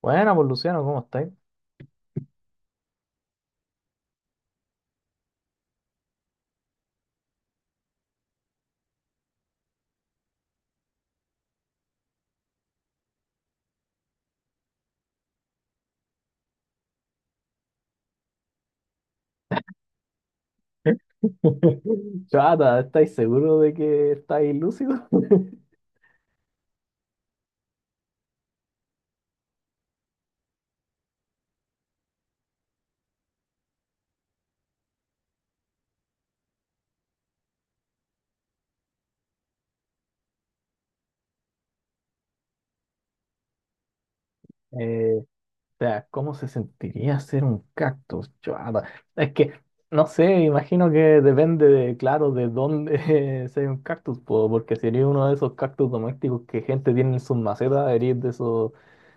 Bueno, pues Luciano, ¿cómo estáis? Chata, ¿estáis seguros de que estáis lúcidos? O sea, ¿cómo se sentiría ser un cactus? Chata, es que no sé, imagino que depende de, claro, de dónde sea un cactus, po, porque si eres uno de esos cactus domésticos que gente tiene en sus macetas, eres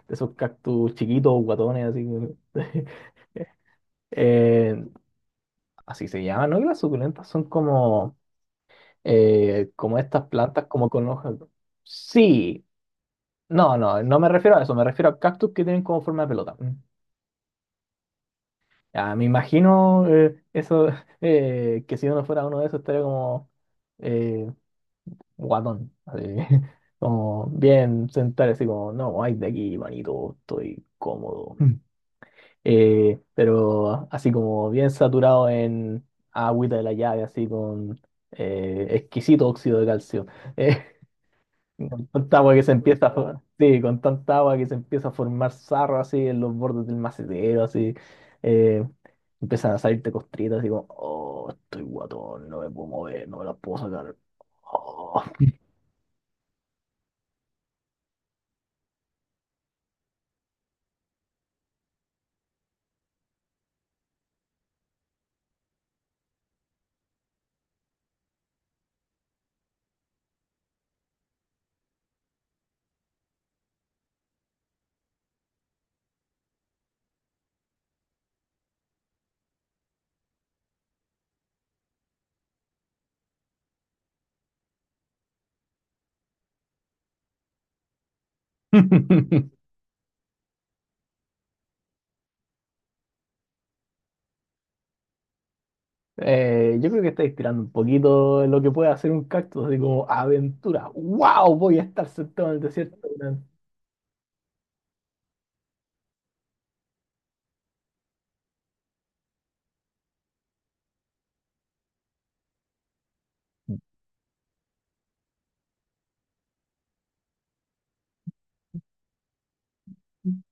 de esos cactus chiquitos, guatones, que... eh, así se llaman, ¿no? Y las suculentas son como como estas plantas como con hojas. Sí, no me refiero a eso, me refiero a cactus que tienen como forma de pelota. Mm. Ya, me imagino eso, que si uno fuera uno de esos estaría como eh, guatón, así, como bien sentado, así como, no, ay, de aquí, manito, estoy cómodo. Mm. Pero así como bien saturado en agüita de la llave, así con exquisito óxido de calcio. Con tanta agua que se empieza a sí, con tanta agua que se empieza a formar sarro así en los bordes del macetero, así. eh, Empiezan a salirte costritas, así como, oh, estoy guatón, no me puedo mover, no me las puedo sacar. Oh. Yo creo que estáis tirando un poquito lo que puede hacer un cactus, así como aventura. ¡Wow! Voy a estar sentado en el desierto. Durante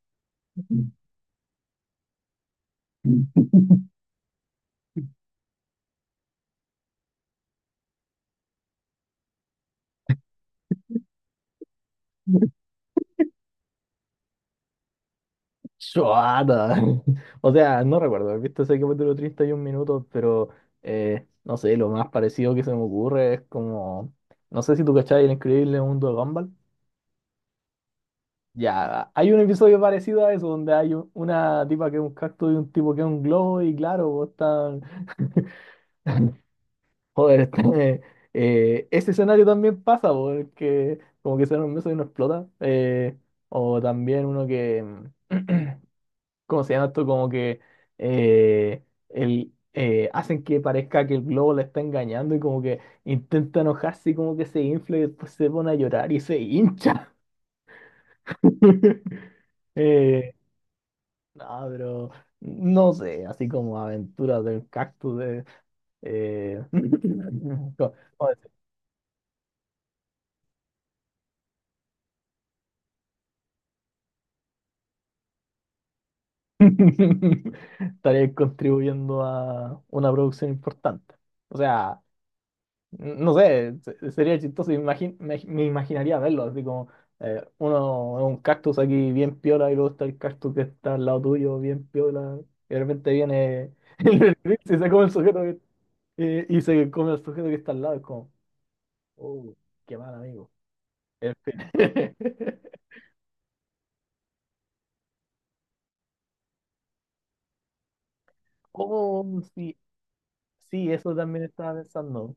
Chuata. O sea, no recuerdo haber visto ese capítulo 31 Minutos, pero no sé, lo más parecido que se me ocurre es como. No sé si tú cachai el increíble mundo de Gumball. Ya, hay un episodio parecido a eso, donde hay una tipa que es un cactus y un tipo que es un globo, y claro, vos están. Joder, eh, ese escenario también pasa, porque como que se un beso y no explota. O también uno que. ¿Cómo se llama esto? Como que eh, el, hacen que parezca que el globo la está engañando y como que intenta enojarse y como que se infla y después se pone a llorar y se hincha. Eh, no, pero no sé, así como aventuras del cactus. eh, ¿Cómo, cómo decir? Estaré contribuyendo a una producción importante. O sea, no sé, sería chistoso, me imaginaría verlo, así como uno un cactus aquí bien piola y luego está el cactus que está al lado tuyo bien piola y de repente viene el Blitz y se come el sujeto que y se come el sujeto que está al lado, es como, oh, qué mal amigo. En fin. Oh, sí, sí, eso también estaba pensando.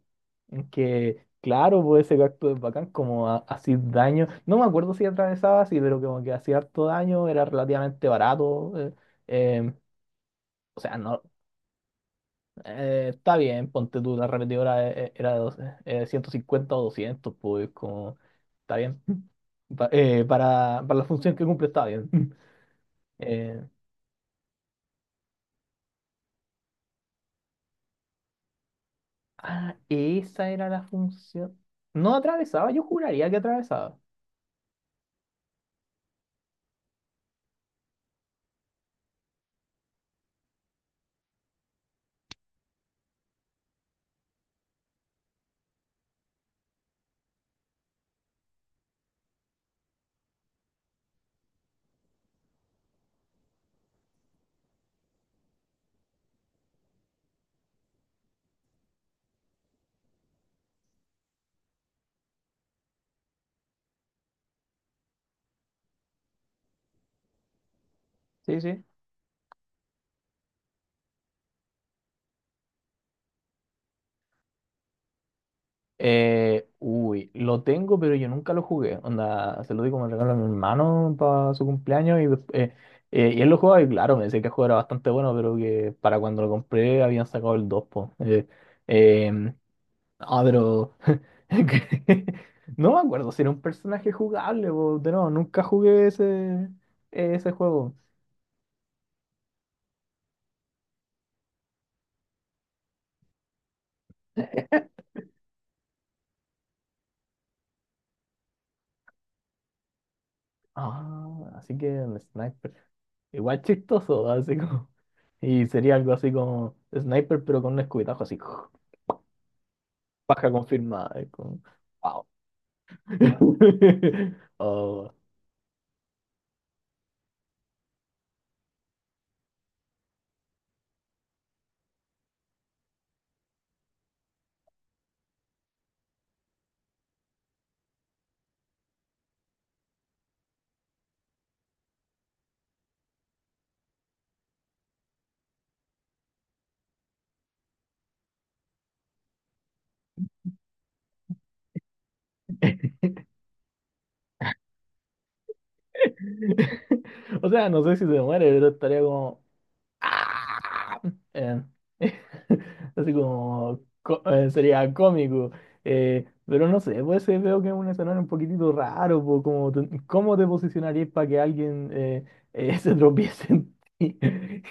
En que, claro, puede ser acto es bacán, como hacía daño. No me acuerdo si atravesaba así, pero como que hacía harto daño, era relativamente barato. Eh, o sea, no. Está bien, ponte tú, la repetidora era de 150 o 200 pues como. Está bien. Para la función que cumple, está bien. Eh, ah, esa era la función. No atravesaba, yo juraría que atravesaba. Sí, sí. Uy, lo tengo, pero yo nunca lo jugué. Onda, se lo di como regalo a mi hermano para su cumpleaños y, y él lo jugaba y claro, me decía que el juego era bastante bueno, pero que para cuando lo compré habían sacado el 2, po. Em, ah, pero no me acuerdo si era un personaje jugable, po. De nuevo, nunca jugué ese, ese juego. Ah, así que el sniper. Igual chistoso, así como. Y sería algo así como sniper, pero con un escupitajo así. Baja confirmada. Es como, wow. Oh. O sea, no sé si se muere, pero estaría como. Ah. Eh, Así como. Sería cómico. Pero no sé, pues veo que es un escenario un poquitito raro. Po, ¿cómo te posicionarías para que alguien se tropiece en ti?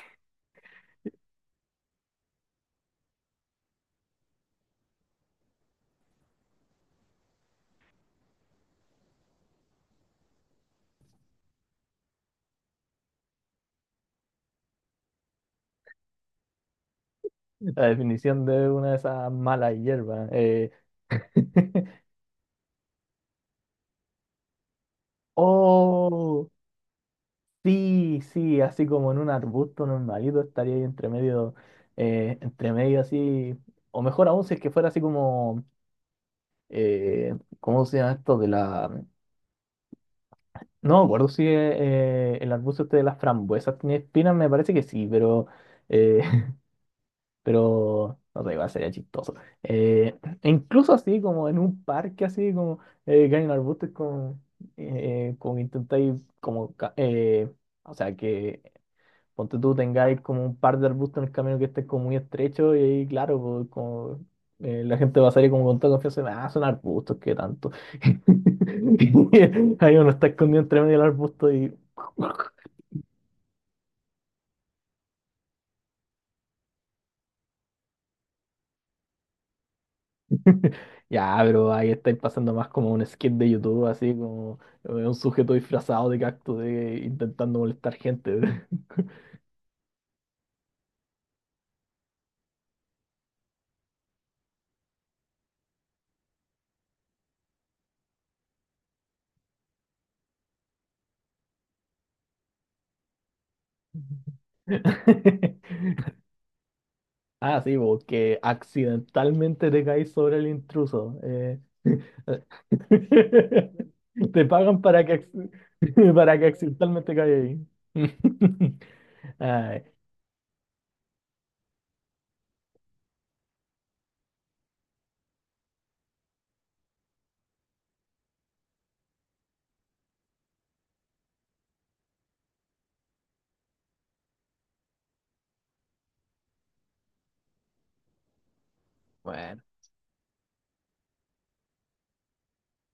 La definición de una de esas malas hierbas. ¡Oh! Sí, sí, así como en un arbusto normalito estaría ahí entre medio así, o mejor aún si es que fuera así como, ¿cómo se llama esto? De la... No me acuerdo si el arbusto este de las frambuesas tiene espinas, me parece que sí, pero, eh, pero no sé, igual sería chistoso. E incluso así como en un parque así como, que hay un arbusto es como, como intentáis como, ca- o sea que ponte tú, tengáis como un par de arbustos en el camino que estés como muy estrecho y ahí, claro, pues, como, la gente va a salir como con toda confianza, ah, son arbustos, qué tanto. Ahí uno está escondido entre medio del arbusto y... Ya, pero ahí estáis pasando más como un skit de YouTube, así como un sujeto disfrazado de cactus intentando molestar gente. Ah, sí, porque accidentalmente te caes sobre el intruso. Te pagan para que, para que accidentalmente caigas ahí. Ay, bueno,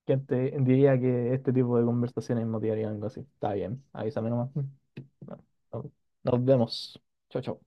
¿quién te diría que este tipo de conversaciones motivarían algo así? Está bien, avísame nomás. No, no, nos vemos. Chao, chao.